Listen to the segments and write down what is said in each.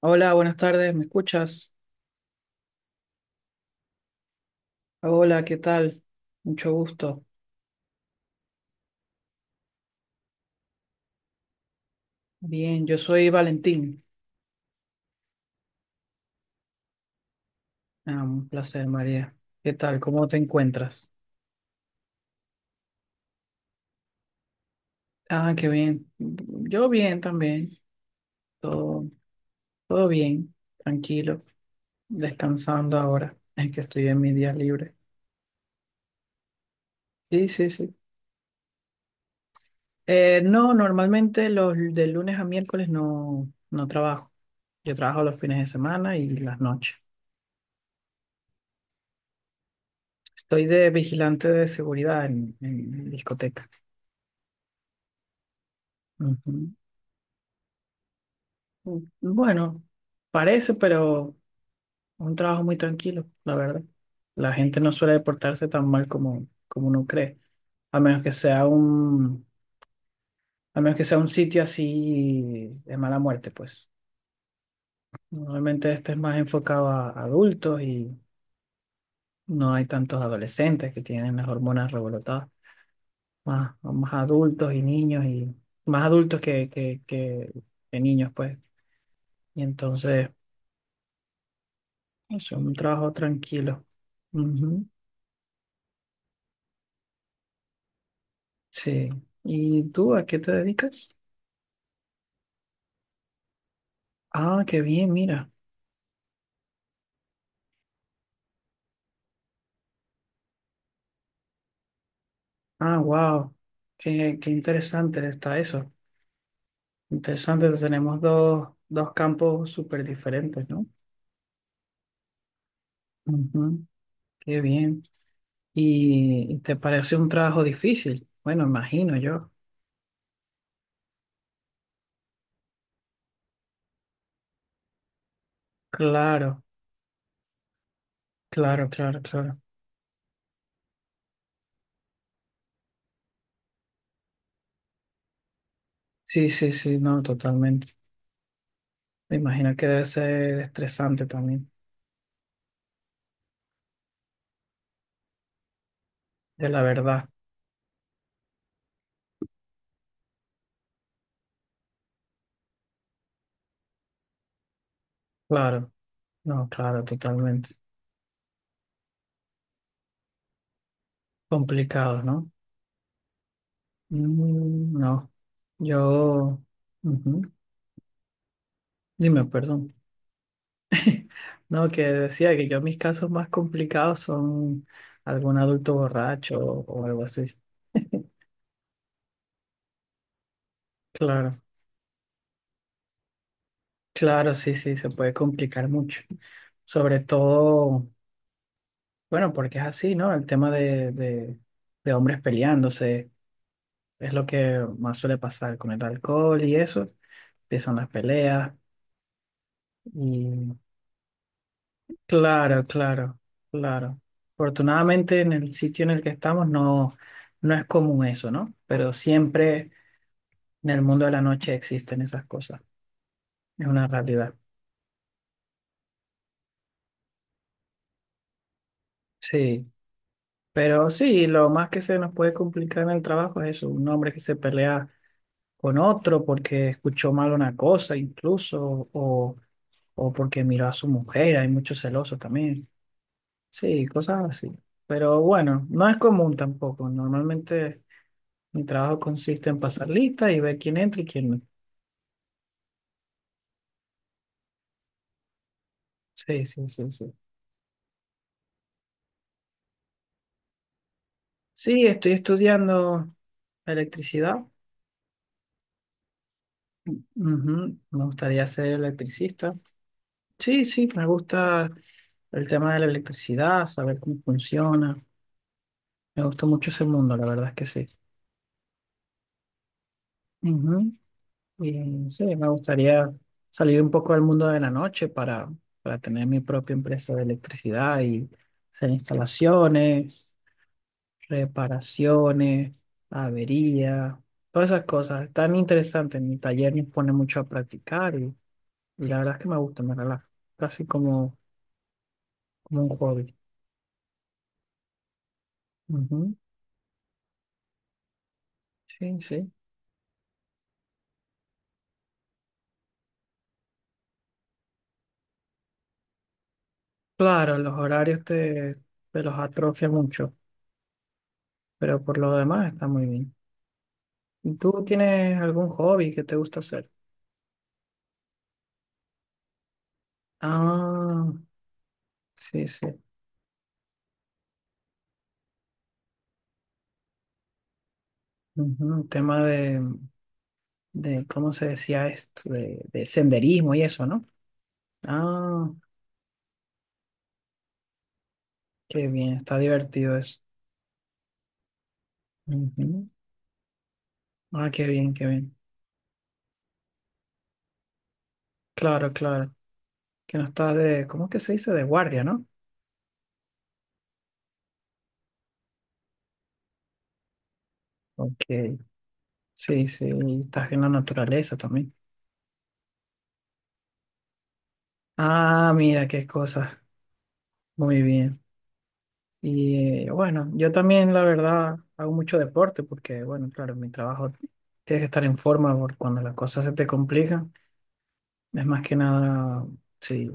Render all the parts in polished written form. Hola, buenas tardes, ¿me escuchas? Hola, ¿qué tal? Mucho gusto. Bien, yo soy Valentín. Ah, un placer, María. ¿Qué tal? ¿Cómo te encuentras? Ah, qué bien. Yo bien también. Todo, todo bien, tranquilo, descansando ahora. Es que estoy en mi día libre. Sí, sí, sí. No, normalmente los de lunes a miércoles no trabajo. Yo trabajo los fines de semana y las noches. Estoy de vigilante de seguridad en discotecas. Ujú. Mm, Bueno, parece, pero un trabajo muy tranquilo, la verdad. La gente no suele portarse tan mal como uno cree, a menos que sea a menos que sea un sitio así de mala muerte, pues. Normalmente este es más enfocado a adultos y no hay tantos adolescentes que tienen las hormonas revolotadas. Más adultos y niños y más adultos que niños, pues. Y entonces, es un trabajo tranquilo. Ujú. Sí. ¿Y tú a qué te dedicas? Ah, qué bien, mira. Ah, wow. Qué interesante está eso. Interesante, tenemos dos campos súper diferentes, ¿no? Ujú. Qué bien. ¿Y te parece un trabajo difícil? Bueno, imagino yo. Claro, claro, claro, claro. Sí, sí, sí, no, totalmente. Me imagino que debe ser estresante también, de la verdad. Claro, no, claro, totalmente. Complicado, ¿no? Mm, no. Yo, ujú. Dime, perdón. No, que decía que yo mis casos más complicados son algún adulto borracho o algo así. Claro, claro, sí, sí, se puede complicar mucho. Sobre todo, bueno, porque es así, ¿no? El tema de hombres peleándose es lo que más suele pasar con el alcohol y eso. Empiezan las peleas. Claro, claro, claro. Afortunadamente en el sitio en el que estamos no, no es común eso, ¿no? Pero siempre en el mundo de la noche existen esas cosas. Es una realidad. Sí. Pero sí, lo más que se nos puede complicar en el trabajo es eso, un hombre que se pelea con otro porque escuchó mal una cosa incluso o porque miró a su mujer. Hay muchos celosos también. Sí, cosas así. Pero bueno, no es común tampoco. Normalmente... mi trabajo consiste en pasar lista y ver quién entra y quién no. Sí, sí, sí, sí. Sí, estoy estudiando electricidad. Ujú, me gustaría ser electricista. Sí, sí, me gusta el tema de la electricidad, saber cómo funciona. Me gustó mucho ese mundo, la verdad es que sí. Ujú. Y sí, me gustaría salir un poco del mundo de la noche para tener mi propia empresa de electricidad y hacer instalaciones, reparaciones, averías, todas esas cosas. Es tan interesante. En mi taller me pone mucho a practicar y la verdad es que me gusta, me relaja. Casi como, como un hobby. Ujú. Sí, sí. Claro, los te los atrofia mucho, pero por lo demás está muy bien. ¿Y tú tienes algún hobby que te gusta hacer? Ah, sí, sí. Un tema de, ¿cómo se decía esto? De senderismo y eso, ¿no? Ah, qué bien, está divertido eso. Ujú. Ah, qué bien, qué bien. Claro, claro. Que no estás de, ¿cómo es que se dice? De guardia, ¿no? Ok. Sí, sí, y estás en la naturaleza también. Ah, mira, qué cosa. Muy bien. Y bueno, yo también, la verdad, hago mucho deporte porque, bueno, claro, en mi trabajo tienes que estar en forma porque cuando las cosas se te complican, es más que nada, sí.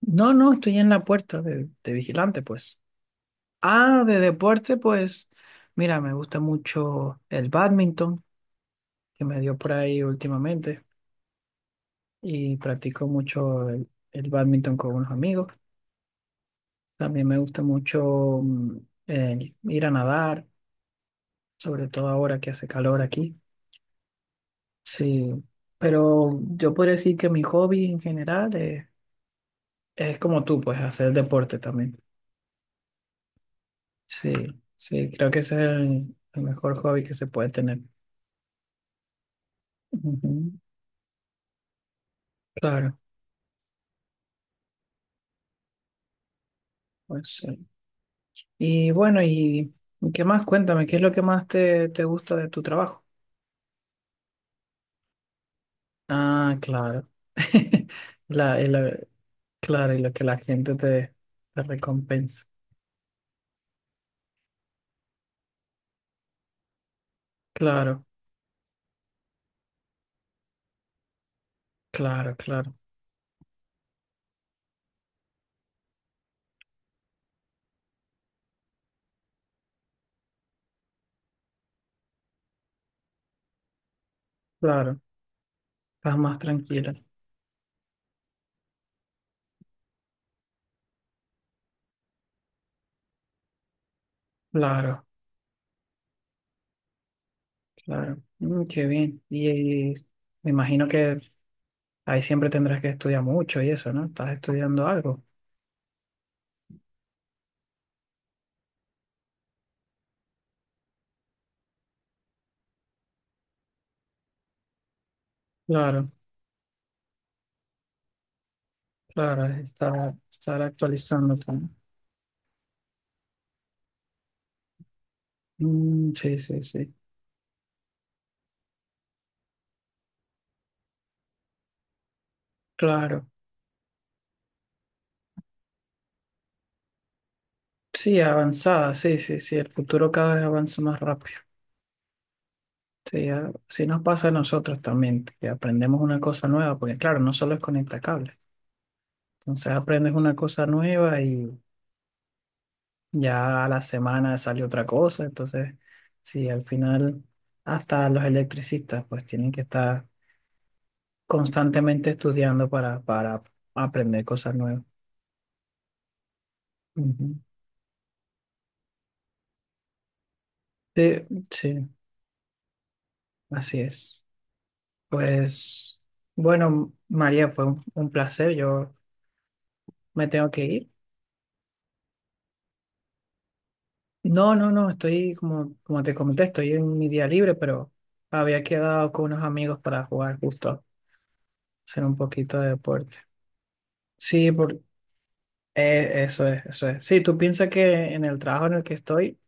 No, no, estoy en la puerta de vigilante, pues. Ah, de deporte, pues, mira, me gusta mucho el bádminton, que me dio por ahí últimamente, y practico mucho el bádminton con unos amigos. También me gusta mucho el ir a nadar, sobre todo ahora que hace calor aquí. Sí, pero yo podría decir que mi hobby en general es como tú, pues, hacer deporte también. Sí, sí, creo que ese es el mejor hobby que se puede tener. Ujú. Claro, pues. Sí. Y bueno, y qué más? Cuéntame, ¿qué es lo que más te gusta de tu trabajo? Ah, claro. La, claro, y lo que la te recompensa. Claro, claro, claro, claro. Estás más tranquila. Claro, claro. Mm, qué bien. Y me imagino que ahí siempre tendrás que estudiar mucho y eso, ¿no? Estás estudiando algo. Claro, claro, estar actualizándote, ¿no? Mm, sí, sí, sí. Claro. Sí, avanzada, sí, sí, sí, el futuro cada vez avanza más rápido. Sí, sí nos pasa a nosotros también, que aprendemos una cosa nueva, porque claro, no solo es conectar cables, entonces aprendes una cosa nueva y ya a la semana sale otra cosa, entonces sí, al final hasta los electricistas pues tienen que estar constantemente estudiando para aprender cosas nuevas. Ujú. Sí, sí, así es. Pues bueno, María, fue un placer, yo... me tengo que ir. No, no, no, estoy como, como te comenté, estoy en mi día libre, pero había quedado con unos amigos para jugar justo, hacer un poquito de deporte. Sí, por, eso es, eso es. Sí, tú piensas que en el trabajo en el que estoy,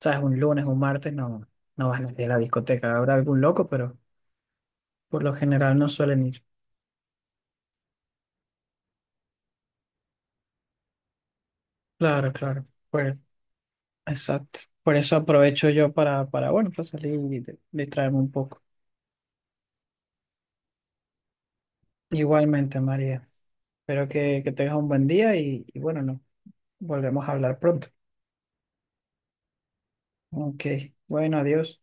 sabes, un lunes, un martes, no, no vas a ir a la discoteca, habrá algún loco, pero por lo general no suelen ir. Claro, claro, pues, exacto. Por eso aprovecho yo bueno, para salir y distraerme un poco. Igualmente, María. Espero que tengas un buen día y bueno, no, volvemos a hablar pronto. Ok, bueno, adiós.